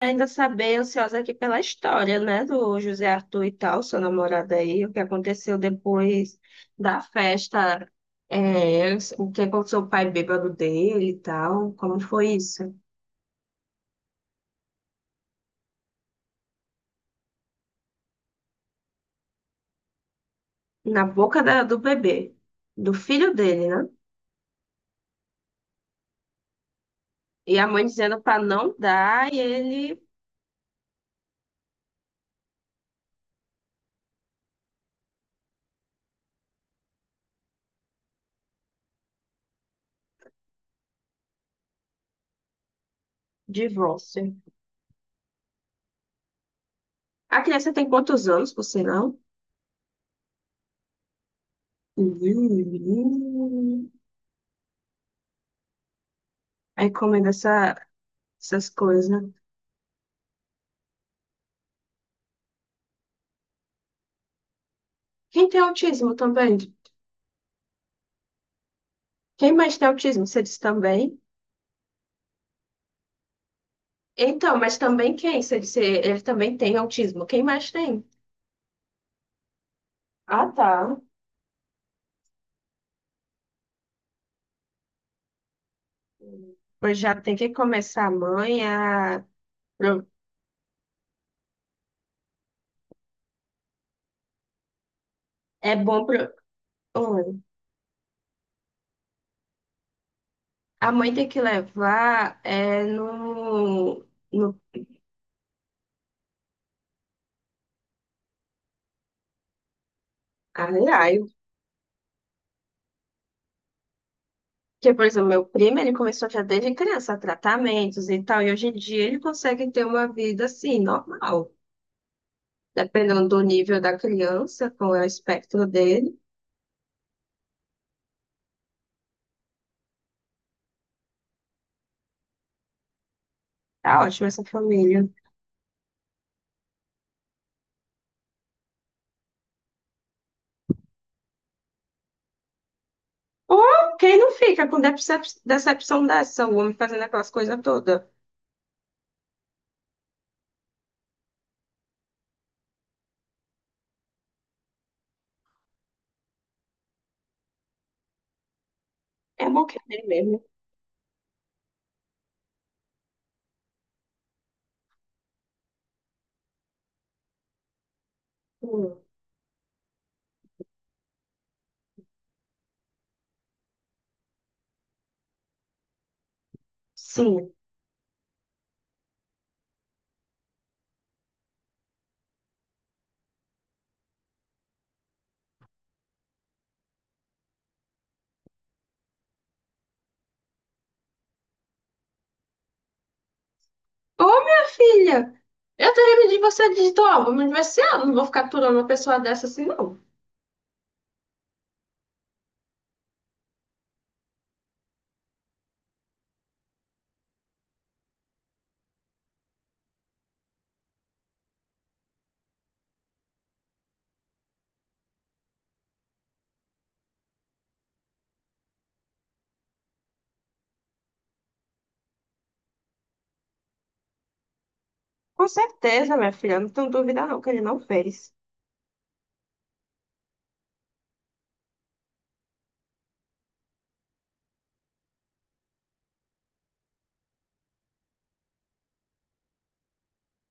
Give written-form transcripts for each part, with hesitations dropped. Ainda saber, ansiosa aqui pela história, né, do José Arthur e tal, seu namorado aí, o que aconteceu depois da festa, é, o que aconteceu com o pai bêbado dele e tal, como foi isso? Na do bebê, do filho dele, né? E a mãe dizendo pra não dar, e ele divórcio. A criança tem quantos anos, por sinal? Hum. Aí comendo essas coisas, né? Quem tem autismo também? Quem mais tem autismo? Você disse também? Então, mas também quem? Você disse, ele também tem autismo. Quem mais tem? Ah, tá. Pois já tem que começar a mãe a... pro- É bom pro... Hum. A mãe tem que levar é, no... no... Ai, ai. Porque, por exemplo, meu primo, ele começou já desde criança, tratamentos e tal, e hoje em dia ele consegue ter uma vida, assim, normal. Dependendo do nível da criança, com o espectro dele. Tá ótimo essa família. Oh, quem não fica com decepção dessa? O homem fazendo aquelas coisas todas. É bom que ele mesmo. Hum. Sim. Ô, minha filha, eu teria pedido você digitou, ó, vou me divorciar, não vou ficar aturando uma pessoa dessa assim, não. Com certeza, minha filha, não tenho dúvida não que ele não fez.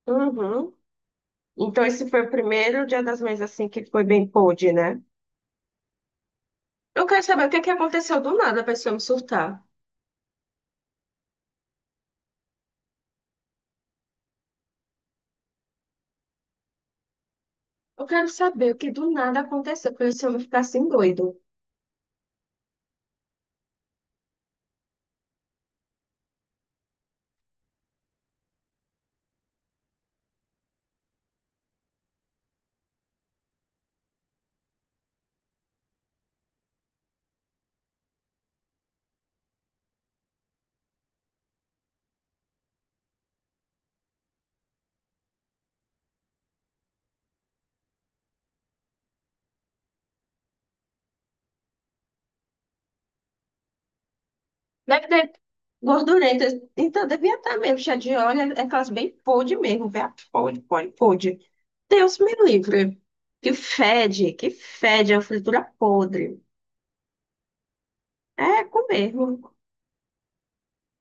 Uhum. Então esse foi o primeiro dia das mães assim que foi bem pôde, né? Eu quero saber o que que aconteceu do nada para esse homem surtar. Eu quero saber o que do nada aconteceu para esse homem ficar assim doido. Deve ter gordurenta. Então, devia estar mesmo. Chá de óleo é aquelas bem podre mesmo, velho. Podre, podre, podre. Deus me livre. Que fede, é uma fritura podre. É com mesmo.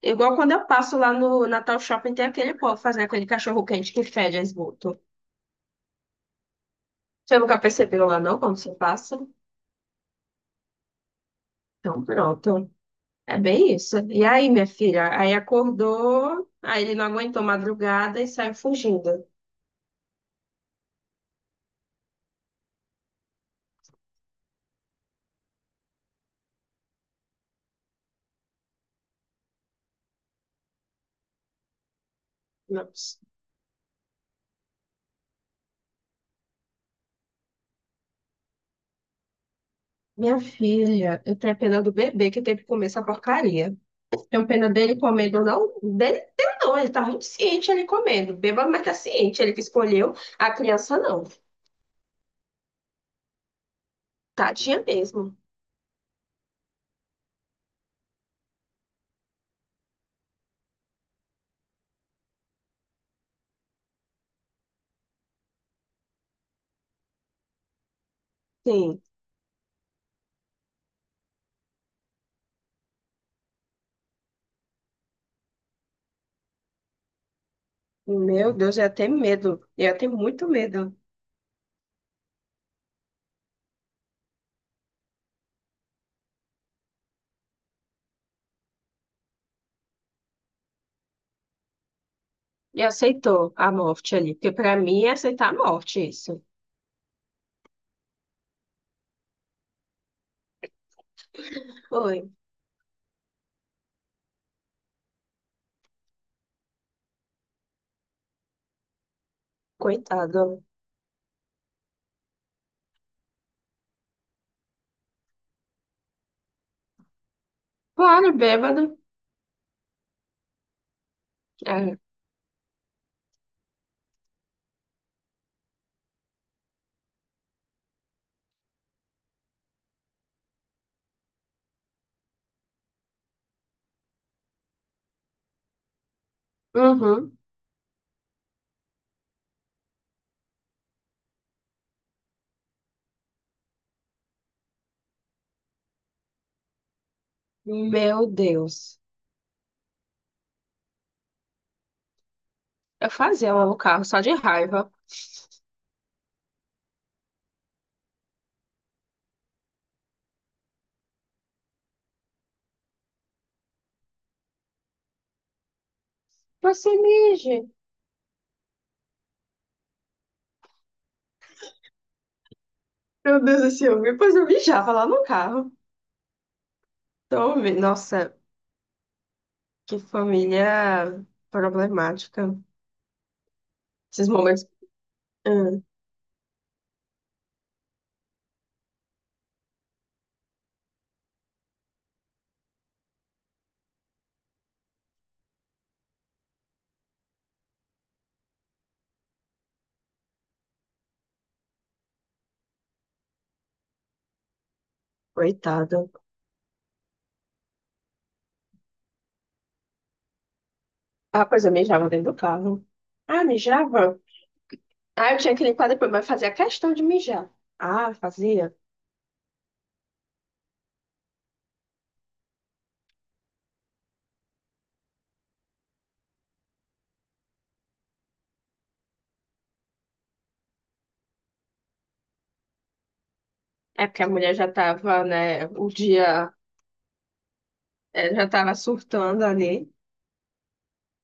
Igual quando eu passo lá no Natal Shopping, tem aquele povo fazendo aquele cachorro quente que fede a esgoto. Você nunca percebeu lá, não, quando você passa? Então, pronto. É bem isso. E aí, minha filha? Aí acordou, aí ele não aguentou madrugada e saiu fugindo. Nossa. Minha filha, eu tenho pena do bebê que teve que comer essa porcaria. Tenho pena dele comendo, não. Dele não, ele tava muito ciente ele comendo. Beba, mas tá ciente, ele que escolheu. A criança não. Tadinha mesmo. Sim. Meu Deus, eu ia ter medo. Eu ia ter muito medo. E aceitou a morte ali, porque pra mim é aceitar a morte isso. Foi. Coitado. Claro, bêbado. É. Uhum. Meu Deus. Eu fazia o carro só de raiva. Você mije. Meu Deus do céu, depois eu mijava lá no carro. Então, nossa, que família problemática. Esses momentos. Hum, coitada. Ah, pois eu mijava dentro do carro. Ah, mijava? Ah, eu tinha que limpar depois, mas fazia questão de mijar. Ah, fazia. É porque a mulher já tava, né, o dia, é, já tava surtando ali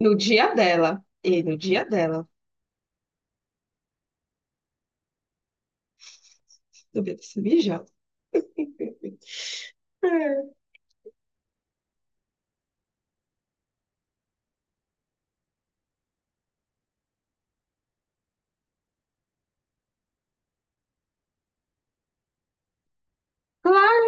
no dia dela. E no dia dela, eu devia ter se mijado. É. Claro,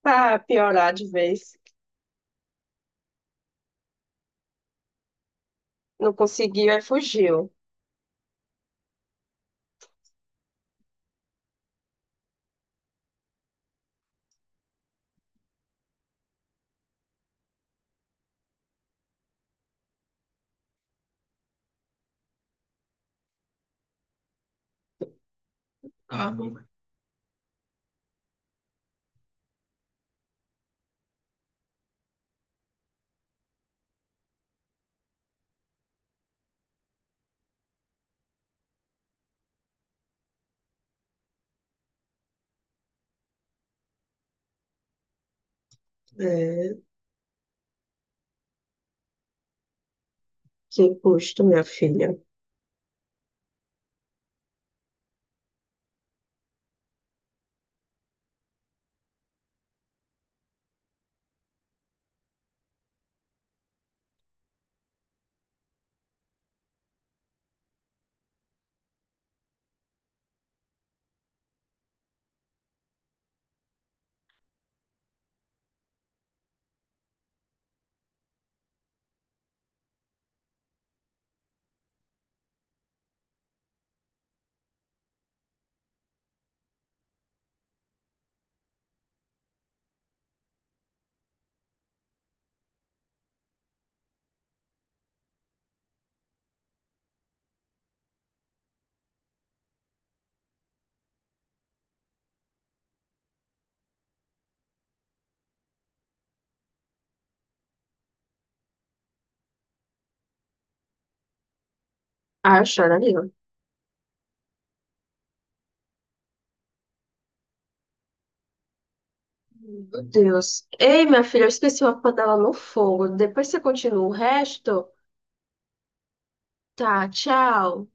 pra piorar de vez. Não conseguiu, aí fugiu. Ah, é, que custo, minha filha. Ah, chora ali, ó. Meu Deus. Ei, minha filha, eu esqueci uma panela no fogo. Depois você continua o resto? Tá, tchau.